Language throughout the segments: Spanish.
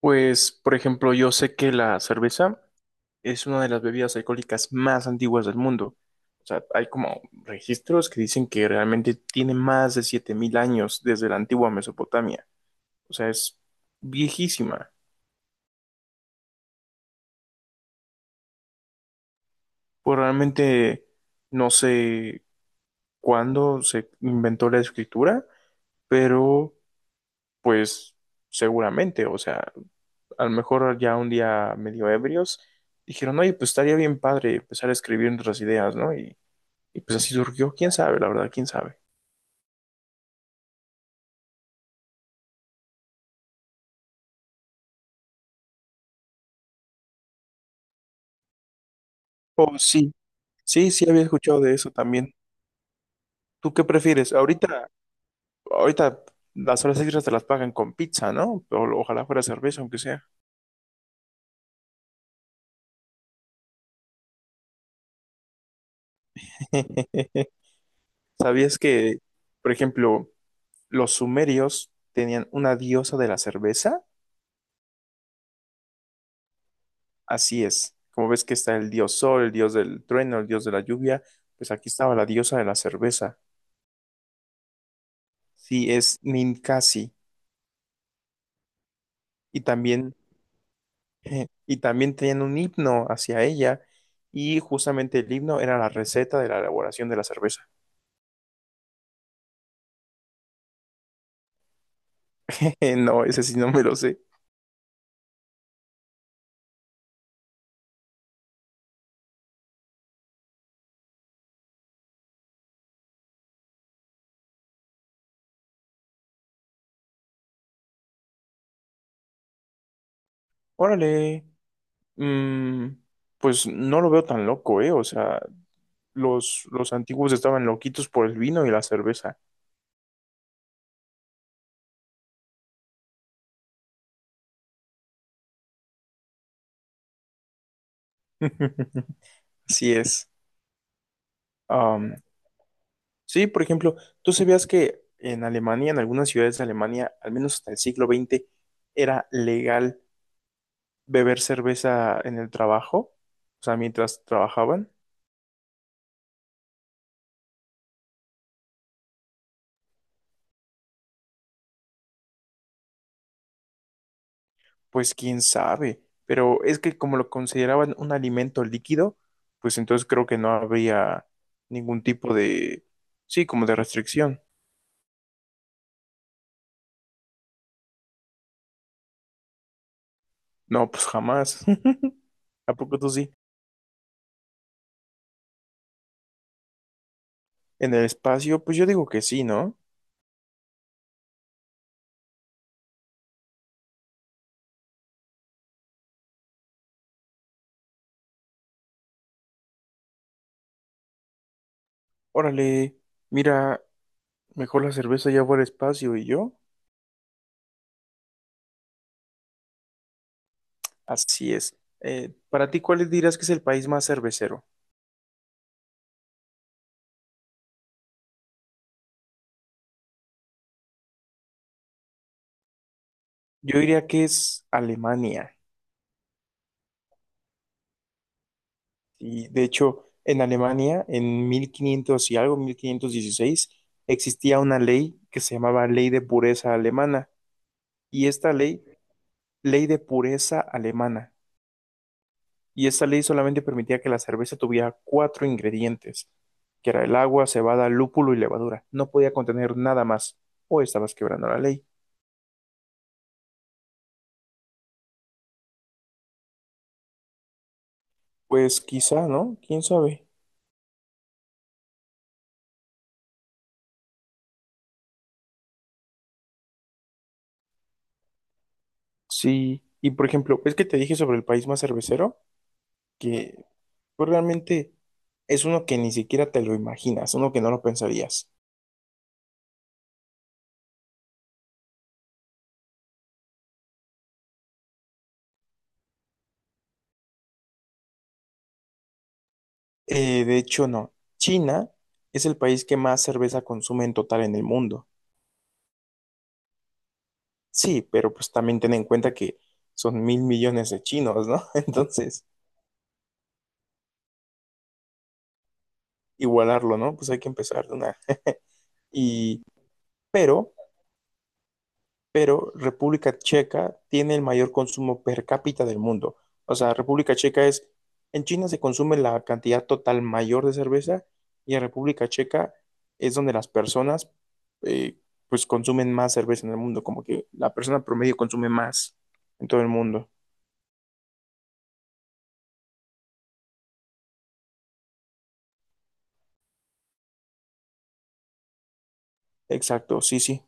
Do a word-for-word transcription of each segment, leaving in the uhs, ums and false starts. Pues, por ejemplo, yo sé que la cerveza es una de las bebidas alcohólicas más antiguas del mundo. O sea, hay como registros que dicen que realmente tiene más de siete mil años desde la antigua Mesopotamia. O sea, es viejísima. Pues realmente no sé cuándo se inventó la escritura, pero pues seguramente, o sea, a lo mejor ya un día medio ebrios dijeron, oye, pues estaría bien padre empezar a escribir nuestras ideas, ¿no? Y Y pues así surgió, quién sabe, la verdad, quién sabe. Oh, sí, sí, sí había escuchado de eso también. ¿Tú qué prefieres? Ahorita, ahorita las horas extras te las pagan con pizza, ¿no? O, ojalá fuera cerveza, aunque sea. ¿Sabías que, por ejemplo, los sumerios tenían una diosa de la cerveza? Así es. Como ves que está el dios sol, el dios del trueno, el dios de la lluvia, pues aquí estaba la diosa de la cerveza. Sí, es Ninkasi. Y también y también tenían un himno hacia ella. Y justamente el himno era la receta de la elaboración de la cerveza. No, ese sí no me lo sé. Órale. mm, pues no lo veo tan loco, ¿eh? O sea, los, los antiguos estaban loquitos por el vino y la cerveza. Así es. Am, sí, por ejemplo, tú sabías que en Alemania, en algunas ciudades de Alemania, al menos hasta el siglo veinte, era legal beber cerveza en el trabajo, o sea, mientras trabajaban. Pues quién sabe, pero es que como lo consideraban un alimento líquido, pues entonces creo que no habría ningún tipo de, sí, como de restricción. No, pues jamás. ¿A poco tú sí? En el espacio, pues yo digo que sí, ¿no? Órale, mira, mejor la cerveza ya fue al espacio y yo. Así es. Eh, para ti, ¿cuál dirías que es el país más cervecero? Yo diría que es Alemania. Y de hecho, en Alemania, en mil quinientos y algo, mil quinientos dieciséis, existía una ley que se llamaba Ley de Pureza Alemana. Y esta ley, Ley de Pureza Alemana. Y esta ley solamente permitía que la cerveza tuviera cuatro ingredientes, que era el agua, cebada, lúpulo y levadura. No podía contener nada más, o estabas quebrando la ley. Pues quizá, ¿no? ¿Quién sabe? Sí. Y por ejemplo, es que te dije sobre el país más cervecero, que Pues realmente es uno que ni siquiera te lo imaginas, uno que no lo pensarías. Eh, de hecho, no. China es el país que más cerveza consume en total en el mundo. Sí, pero pues también ten en cuenta que son mil millones de chinos, ¿no? Entonces, igualarlo, ¿no? Pues hay que empezar de una. Y, pero pero República Checa tiene el mayor consumo per cápita del mundo. O sea, República Checa es, en China se consume la cantidad total mayor de cerveza y en República Checa es donde las personas eh, pues consumen más cerveza en el mundo, como que la persona promedio consume más en todo el mundo. Exacto, sí, sí.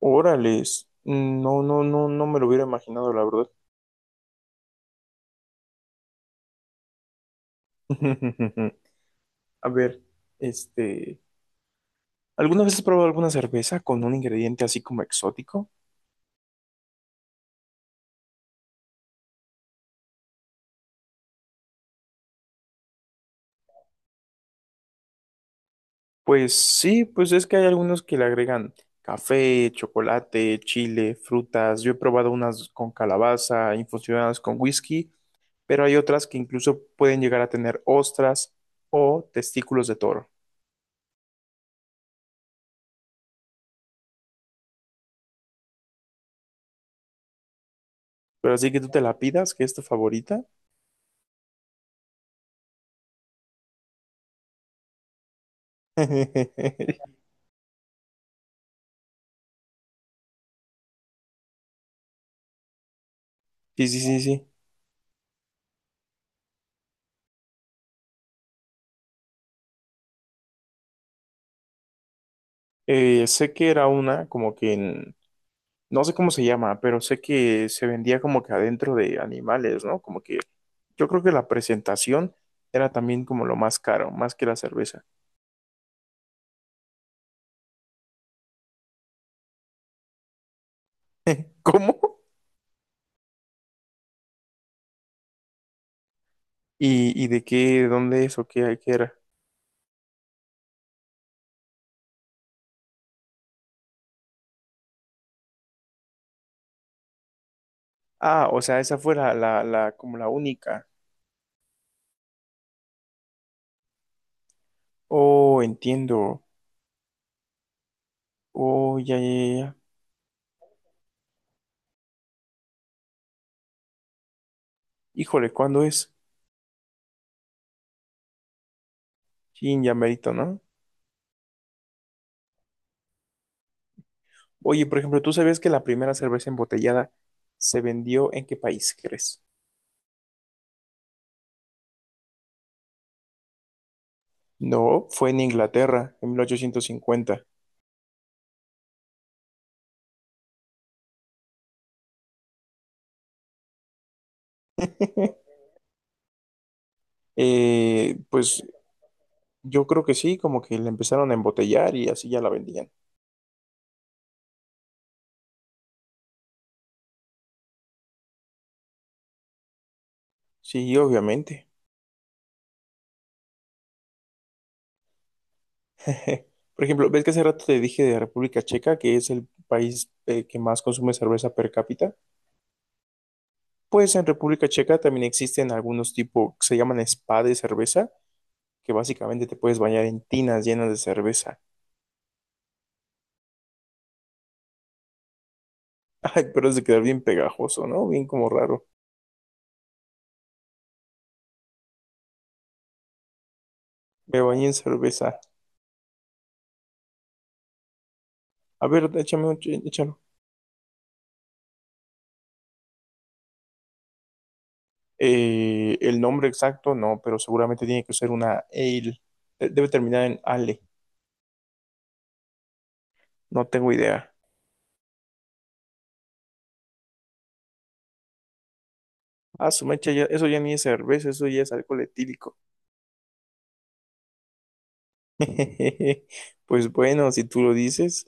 Órales, no, no, no, no me lo hubiera imaginado, la verdad. A ver, este, ¿alguna vez has probado alguna cerveza con un ingrediente así como exótico? Pues sí, pues es que hay algunos que le agregan café, chocolate, chile, frutas. Yo he probado unas con calabaza, infusionadas con whisky, pero hay otras que incluso pueden llegar a tener ostras o testículos de toro. Pero así que tú te la pidas, que es tu favorita. Sí, sí, sí, sí. Eh, sé que era una como que en... No sé cómo se llama, pero sé que se vendía como que adentro de animales, ¿no? Como que yo creo que la presentación era también como lo más caro, más que la cerveza. ¿Cómo? ¿Y, y de qué, dónde es o qué, qué era? Ah, o sea, esa fue la, la, la, como la única. Oh, entiendo. Oh, ya, ya, ya. Ya. Híjole, ¿cuándo es? Chin, ya merito, ¿no? Oye, por ejemplo, ¿tú sabías que la primera cerveza embotellada se vendió en qué país crees? No, fue en Inglaterra, en mil ochocientos cincuenta. Eh, pues yo creo que sí, como que la empezaron a embotellar y así ya la vendían. Sí, obviamente. Por ejemplo, ¿ves que hace rato te dije de República Checa, que es el país eh, que más consume cerveza per cápita? Pues en República Checa también existen algunos tipos que se llaman spa de cerveza, que básicamente te puedes bañar en tinas llenas de cerveza. Ay, pero es de quedar bien pegajoso, ¿no? Bien como raro. Me bañé en cerveza. A ver, échame, un- ch- échame Eh, el nombre exacto no, pero seguramente tiene que ser una ale. De- Debe terminar en ale. No tengo idea. Ah, su mecha, ya- eso ya ni es cerveza, eso ya es alcohol etílico. Pues bueno, si tú lo dices.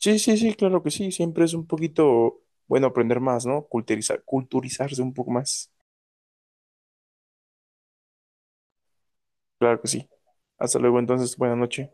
Sí, sí, sí, claro que sí. Siempre es un poquito bueno aprender más, ¿no? Culturizar, culturizarse un poco más. Claro que sí. Hasta luego, entonces, buena noche.